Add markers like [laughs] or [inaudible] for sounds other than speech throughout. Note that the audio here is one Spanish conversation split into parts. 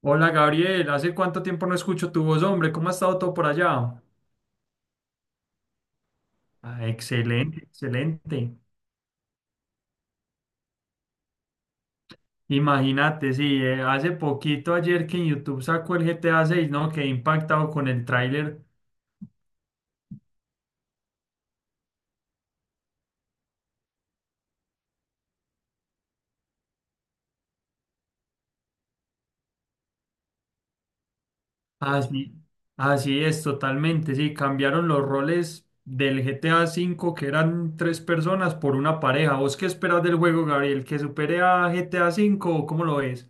Hola Gabriel, ¿hace cuánto tiempo no escucho tu voz, hombre? ¿Cómo ha estado todo por allá? Ah, excelente, excelente. Imagínate, sí, hace poquito ayer que en YouTube sacó el GTA 6, ¿no? Quedé impactado con el tráiler. Así, así es, totalmente, sí, cambiaron los roles del GTA 5, que eran tres personas, por una pareja. ¿Vos qué esperas del juego, Gabriel? ¿Que supere a GTA 5 o cómo lo ves?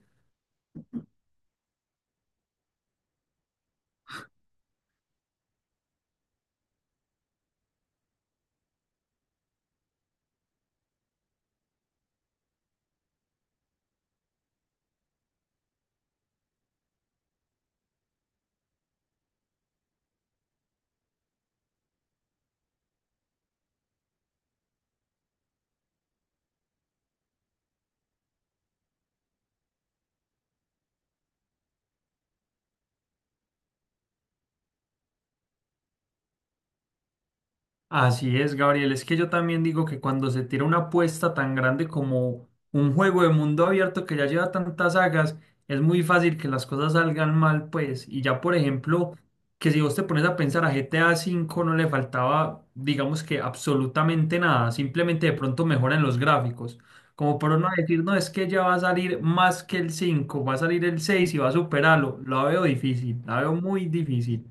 Así es, Gabriel. Es que yo también digo que cuando se tira una apuesta tan grande como un juego de mundo abierto que ya lleva tantas sagas, es muy fácil que las cosas salgan mal, pues. Y ya, por ejemplo, que si vos te pones a pensar a GTA V no le faltaba, digamos que absolutamente nada, simplemente de pronto mejora en los gráficos. Como por no decir, no, es que ya va a salir más que el 5, va a salir el 6 y va a superarlo. La veo difícil, la veo muy difícil.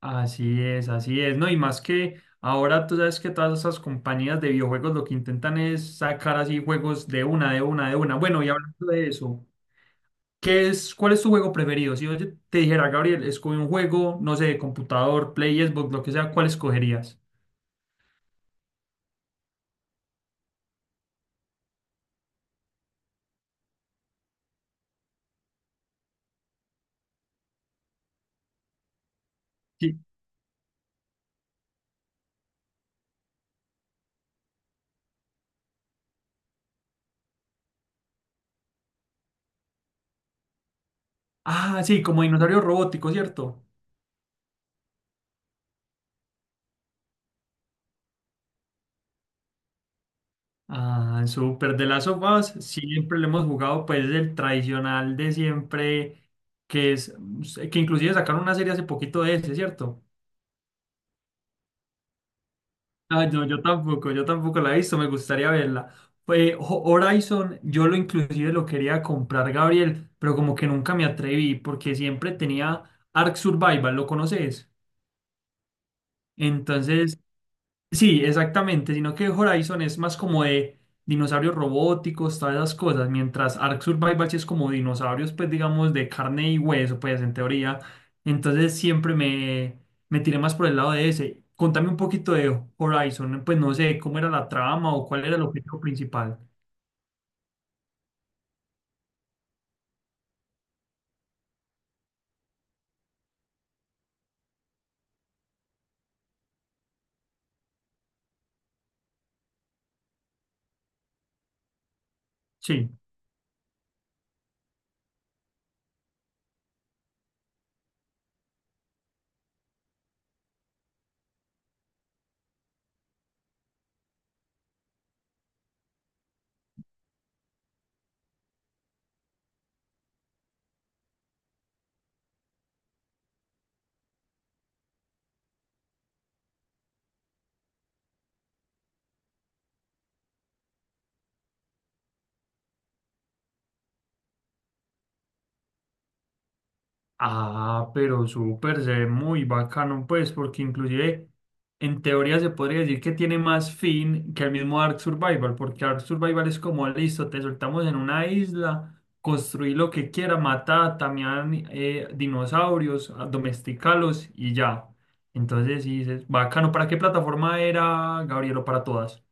Así es, ¿no? Y más que ahora tú sabes que todas esas compañías de videojuegos lo que intentan es sacar así juegos de una, de una, de una. Bueno, y hablando de eso, ¿qué es, cuál es tu juego preferido? Si yo te dijera, Gabriel, escoge un juego, no sé, de computador, Play, Xbox, lo que sea, ¿cuál escogerías? Sí. Ah, sí, como dinosaurio robótico, ¿cierto? Ah, súper. De las of Us, siempre le hemos jugado, pues, el tradicional de siempre, que es, que inclusive sacaron una serie hace poquito de ese, ¿cierto? Ah, no, yo tampoco la he visto, me gustaría verla. Pues Horizon, yo lo inclusive lo quería comprar, Gabriel, pero como que nunca me atreví porque siempre tenía Ark Survival, ¿lo conoces? Entonces sí, exactamente, sino que Horizon es más como de dinosaurios robóticos, todas esas cosas, mientras Ark Survival sí es como dinosaurios, pues digamos, de carne y hueso, pues en teoría. Entonces siempre me tiré más por el lado de ese. Contame un poquito de Horizon, pues no sé cómo era la trama o cuál era el objetivo principal. Sí. Ah, pero súper, se ve muy bacano, pues, porque inclusive en teoría se podría decir que tiene más fin que el mismo Ark Survival, porque Ark Survival es como, listo, te soltamos en una isla, construí lo que quiera, mata, también dinosaurios, ah, domesticalos y ya. Entonces, sí, dices, bacano, ¿para qué plataforma era, Gabrielo? Para todas.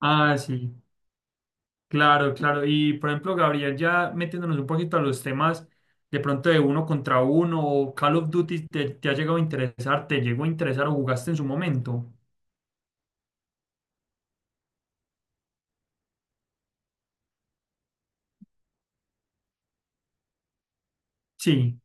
Ah, sí. Claro, claro. Y por ejemplo, Gabriel, ya metiéndonos un poquito a los temas de pronto de uno contra uno o Call of Duty, ¿te ha llegado a interesar? ¿Te llegó a interesar o jugaste en su momento? Sí.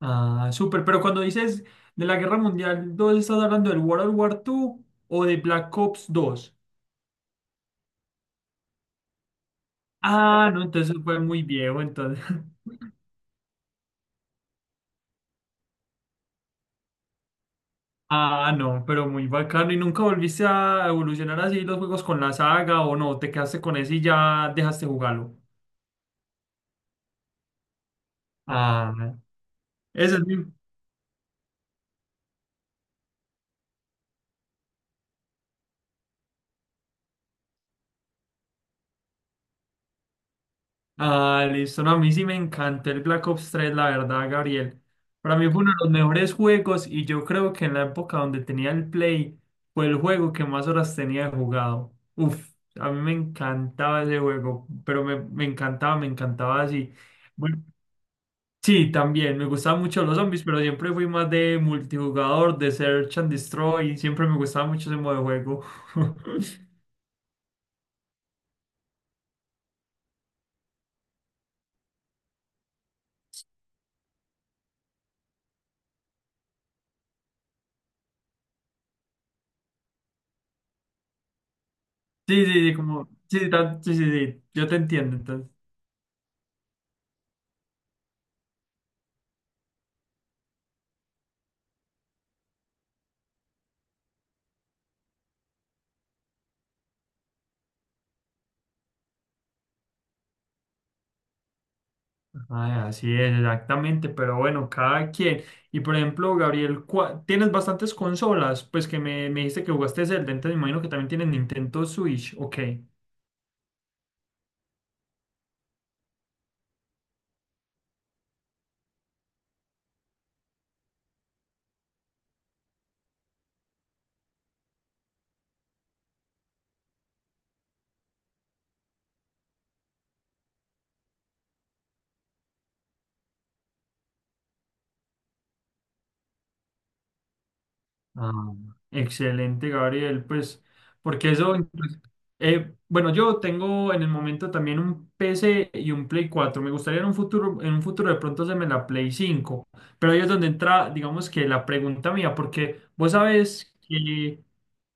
Ah, súper. Pero cuando dices de la Guerra Mundial 2, ¿estás hablando del World War II o de Black Ops 2? Ah, no, entonces fue muy viejo, entonces. [laughs] Ah, no, pero muy bacano. ¿Y nunca volviste a evolucionar así los juegos con la saga o no? ¿Te quedaste con ese y ya dejaste jugarlo? Ah, ese es mi... Ah, listo. No, a mí sí me encantó el Black Ops 3, la verdad, Gabriel. Para mí fue uno de los mejores juegos y yo creo que en la época donde tenía el Play fue el juego que más horas tenía jugado. Uf, a mí me encantaba ese juego, pero me encantaba, me encantaba así. Bueno, sí, también me gustaban mucho los zombies, pero siempre fui más de multijugador, de Search and Destroy, siempre me gustaba mucho ese modo de juego. [laughs] Sí, sí, sí, como, sí, sí, sí, sí, yo te entiendo. Ah, así es, exactamente, pero bueno, cada quien. Y por ejemplo, Gabriel, ¿tienes bastantes consolas? Pues que me dijiste que jugaste Zelda, entonces me imagino que también tienes Nintendo Switch, ok. Ah, excelente, Gabriel. Pues, porque eso, bueno, yo tengo en el momento también un PC y un Play 4. Me gustaría en un futuro de pronto hacerme la Play 5. Pero ahí es donde entra, digamos que la pregunta mía, porque vos sabes que,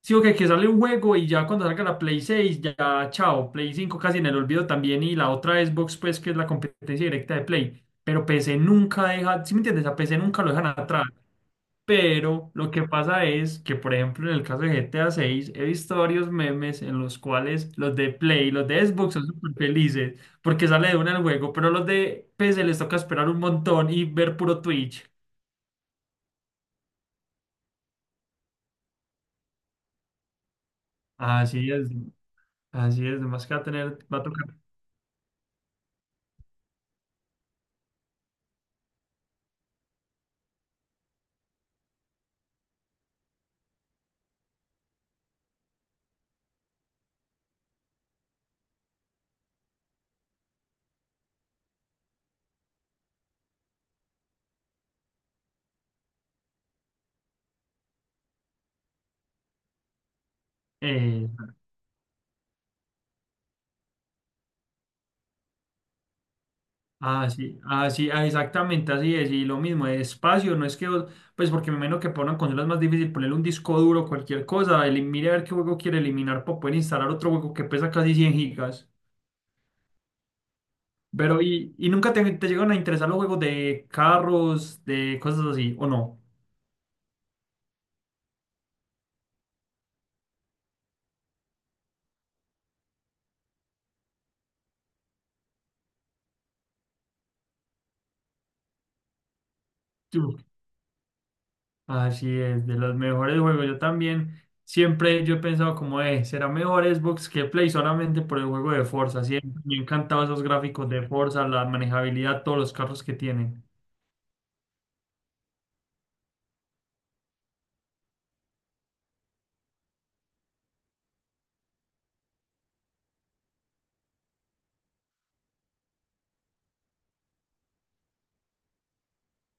sí, o que sale un juego y ya cuando salga la Play 6 ya, chao, Play 5 casi en el olvido también y la otra Xbox, pues, que es la competencia directa de Play. Pero PC nunca deja, ¿sí me entiendes? A PC nunca lo dejan atrás. Pero lo que pasa es que, por ejemplo, en el caso de GTA 6 he visto varios memes en los cuales los de Play, los de Xbox son súper felices porque sale de una el juego, pero los de PC les toca esperar un montón y ver puro Twitch. Así es, así es, más que va a tener, va a tocar. eh, Así, así, ah, sí, ah, exactamente, así es. Y lo mismo, de espacio, no es que, pues porque me imagino que para una consola es más difícil ponerle un disco duro, cualquier cosa, mire a ver qué juego quiere eliminar para poder instalar otro juego que pesa casi 100 gigas. Pero, ¿y nunca te llegan a interesar los juegos de carros, de cosas así, o no? Tú. Así es, de los mejores juegos. Yo también siempre yo he pensado como, será mejor Xbox que Play solamente por el juego de Forza. Siempre me han encantado esos gráficos de Forza, la manejabilidad, todos los carros que tienen.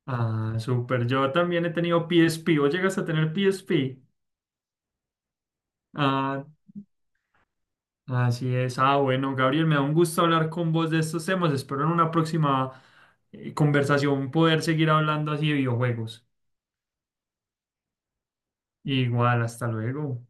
Ah, súper. Yo también he tenido PSP. ¿Vos llegas a tener PSP? Ah, así es. Ah, bueno, Gabriel, me da un gusto hablar con vos de estos temas. Espero en una próxima conversación poder seguir hablando así de videojuegos. Igual, hasta luego.